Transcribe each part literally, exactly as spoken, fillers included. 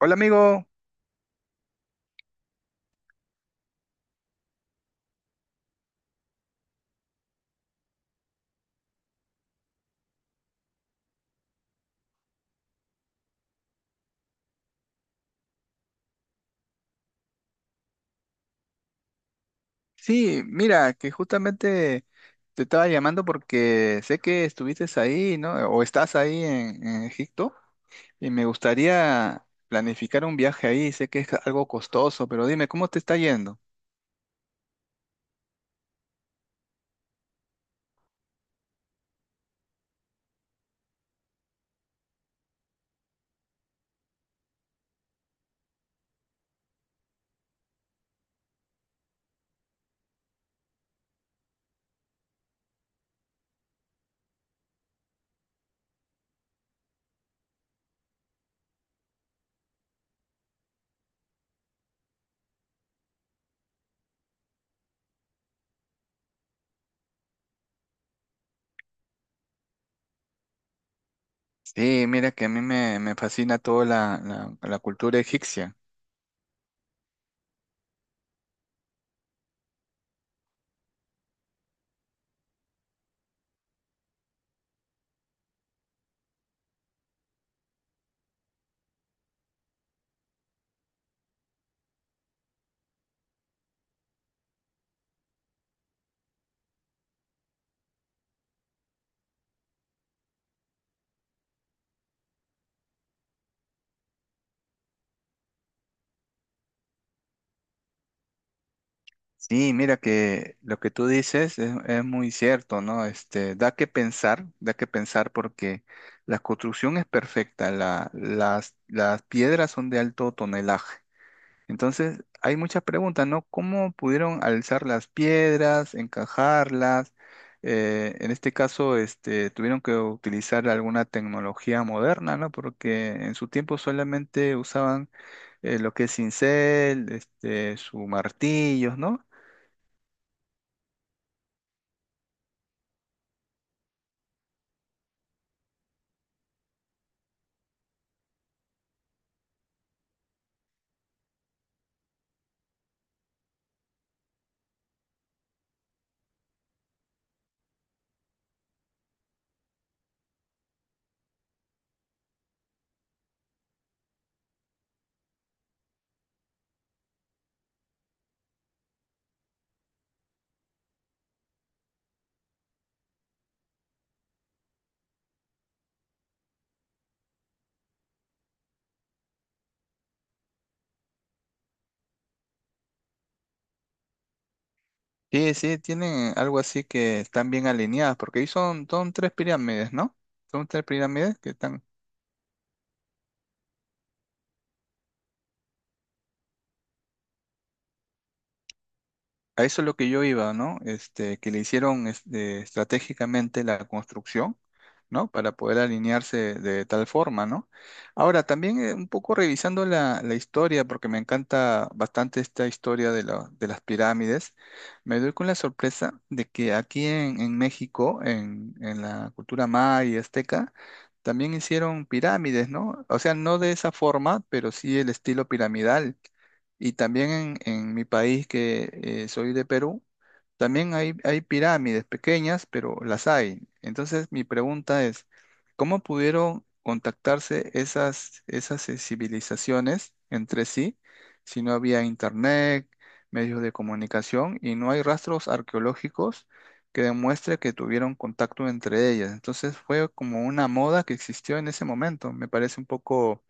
Hola amigo, sí, mira, que justamente te estaba llamando porque sé que estuviste ahí, ¿no? O estás ahí en, en Egipto y me gustaría planificar un viaje ahí, sé que es algo costoso, pero dime, ¿cómo te está yendo? Sí, mira que a mí me, me fascina toda la, la la cultura egipcia. Sí, mira que lo que tú dices es, es muy cierto, ¿no? Este, da que pensar, da que pensar porque la construcción es perfecta, la- las, las piedras son de alto tonelaje. Entonces, hay muchas preguntas, ¿no? ¿Cómo pudieron alzar las piedras, encajarlas? Eh, en este caso, este, tuvieron que utilizar alguna tecnología moderna, ¿no? Porque en su tiempo solamente usaban eh, lo que es cincel, este, su martillos, ¿no? Sí, sí, tienen algo así que están bien alineadas, porque ahí son, son tres pirámides, ¿no? Son tres pirámides que están. A eso es lo que yo iba, ¿no? Este, que le hicieron este, estratégicamente la construcción, ¿no? Para poder alinearse de tal forma, ¿no? Ahora, también eh, un poco revisando la, la historia, porque me encanta bastante esta historia de, la- de las pirámides, me doy con la sorpresa de que aquí en, en México, en, en la cultura maya y azteca, también hicieron pirámides, ¿no? O sea, no de esa forma, pero sí el estilo piramidal. Y también en, en mi país, que eh, soy de Perú, también hay, hay pirámides pequeñas, pero las hay. Entonces, mi pregunta es, ¿cómo pudieron contactarse esas, esas eh, civilizaciones entre sí si no había internet, medios de comunicación y no hay rastros arqueológicos que demuestre que tuvieron contacto entre ellas? Entonces, fue como una moda que existió en ese momento. Me parece un poco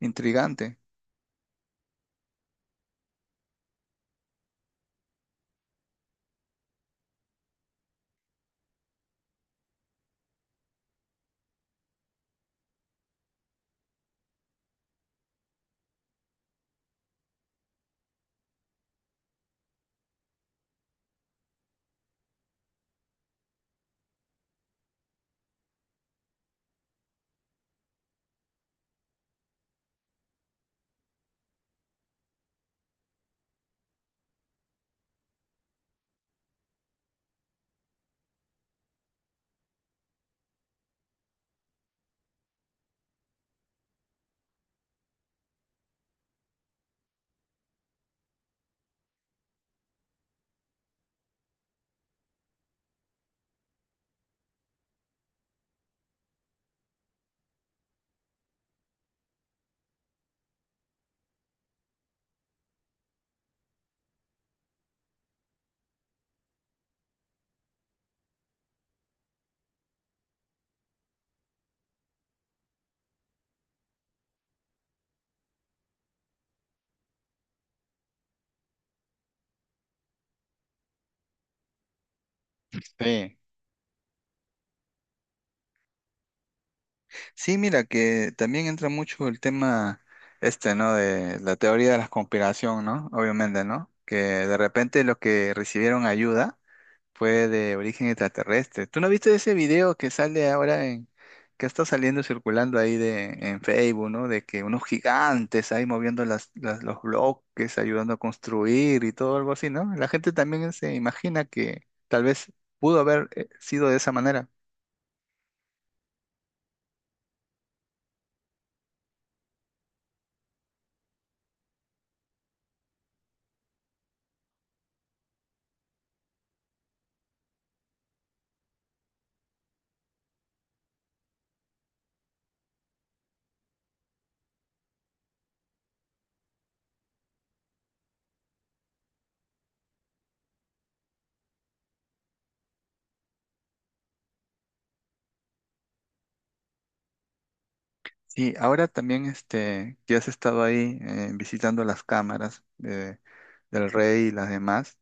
intrigante. Sí. Sí, mira, que también entra mucho el tema este, ¿no? De la teoría de la conspiración, ¿no? Obviamente, ¿no? Que de repente los que recibieron ayuda fue de origen extraterrestre. ¿Tú no viste ese video que sale ahora en, que está saliendo circulando ahí de, en Facebook, ¿no? De que unos gigantes ahí moviendo las, las- los bloques, ayudando a construir y todo algo así, ¿no? La gente también se imagina que tal vez pudo haber eh, sido de esa manera. Sí, ahora también este, que has estado ahí eh, visitando las cámaras de- del rey y las demás,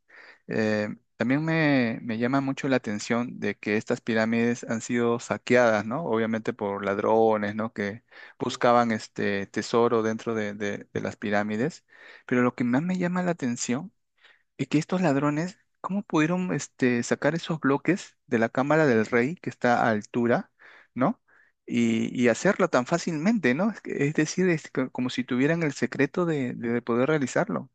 eh, también me, me llama mucho la atención de que estas pirámides han sido saqueadas, ¿no? Obviamente por ladrones, ¿no? Que buscaban este tesoro dentro de, de de las pirámides. Pero lo que más me llama la atención y que estos ladrones, ¿cómo pudieron este, sacar esos bloques de la cámara del rey que está a altura, ¿no? Y, y hacerlo tan fácilmente, ¿no? Es, que- es decir, es co- como si tuvieran el secreto de, de poder realizarlo.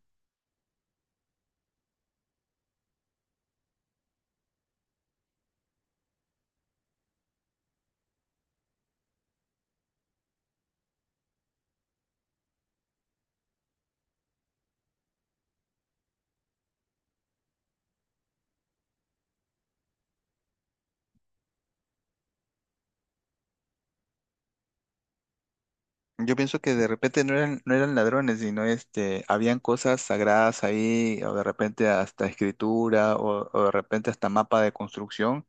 Yo pienso que de repente no eran, no eran ladrones, sino este, habían cosas sagradas ahí, o de repente hasta escritura, o, o de repente hasta mapa de construcción.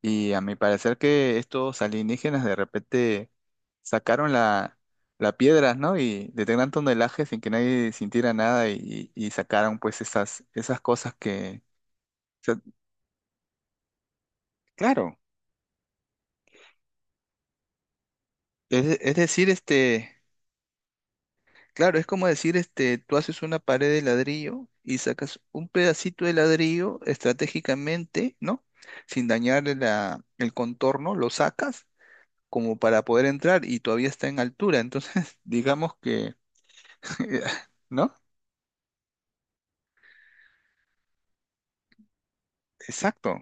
Y a mi parecer que estos alienígenas de repente sacaron la, la piedra, ¿no? Y de gran tonelaje sin que nadie sintiera nada y, y sacaron pues esas, esas cosas que... O sea, claro, es, es decir, este, claro, es como decir, este, tú haces una pared de ladrillo y sacas un pedacito de ladrillo estratégicamente, ¿no? Sin dañar la, el contorno, lo sacas como para poder entrar y todavía está en altura. Entonces, digamos que... ¿No? Exacto.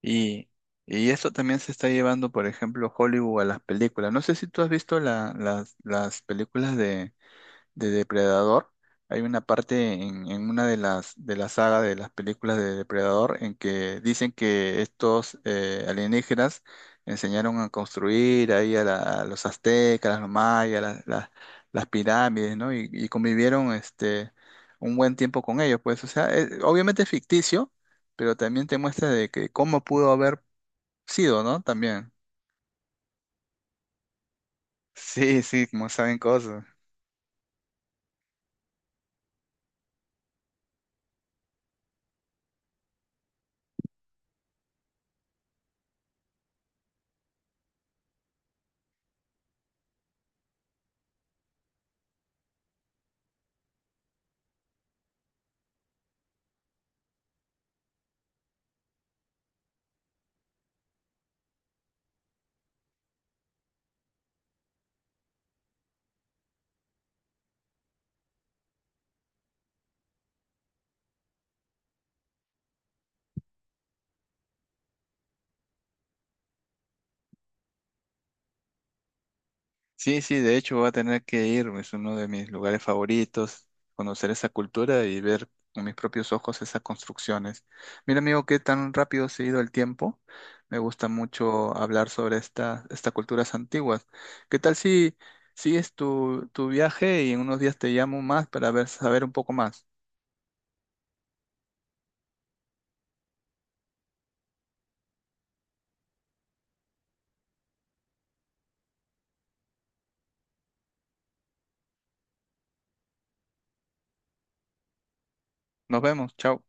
Y, y eso también se está llevando, por ejemplo, Hollywood a las películas. No sé si tú has visto la- las, las películas de, de Depredador. Hay una parte en, en una de las de la saga de las películas de Depredador en que dicen que estos eh, alienígenas enseñaron a construir ahí a, la- a los aztecas, los mayas, las la- las pirámides, ¿no? Y, y convivieron este un buen tiempo con ellos, pues, o sea, es- obviamente es ficticio, pero también te muestra de que cómo pudo haber sido, ¿no? También. Sí, sí, como saben cosas. Sí, sí, de hecho voy a tener que ir, es uno de mis lugares favoritos, conocer esa cultura y ver con mis propios ojos esas construcciones. Mira, amigo, qué tan rápido se ha ido el tiempo. Me gusta mucho hablar sobre esta, estas culturas antiguas. ¿Qué tal si sigues tu, tu viaje y en unos días te llamo más para ver, saber un poco más? Nos vemos, chao.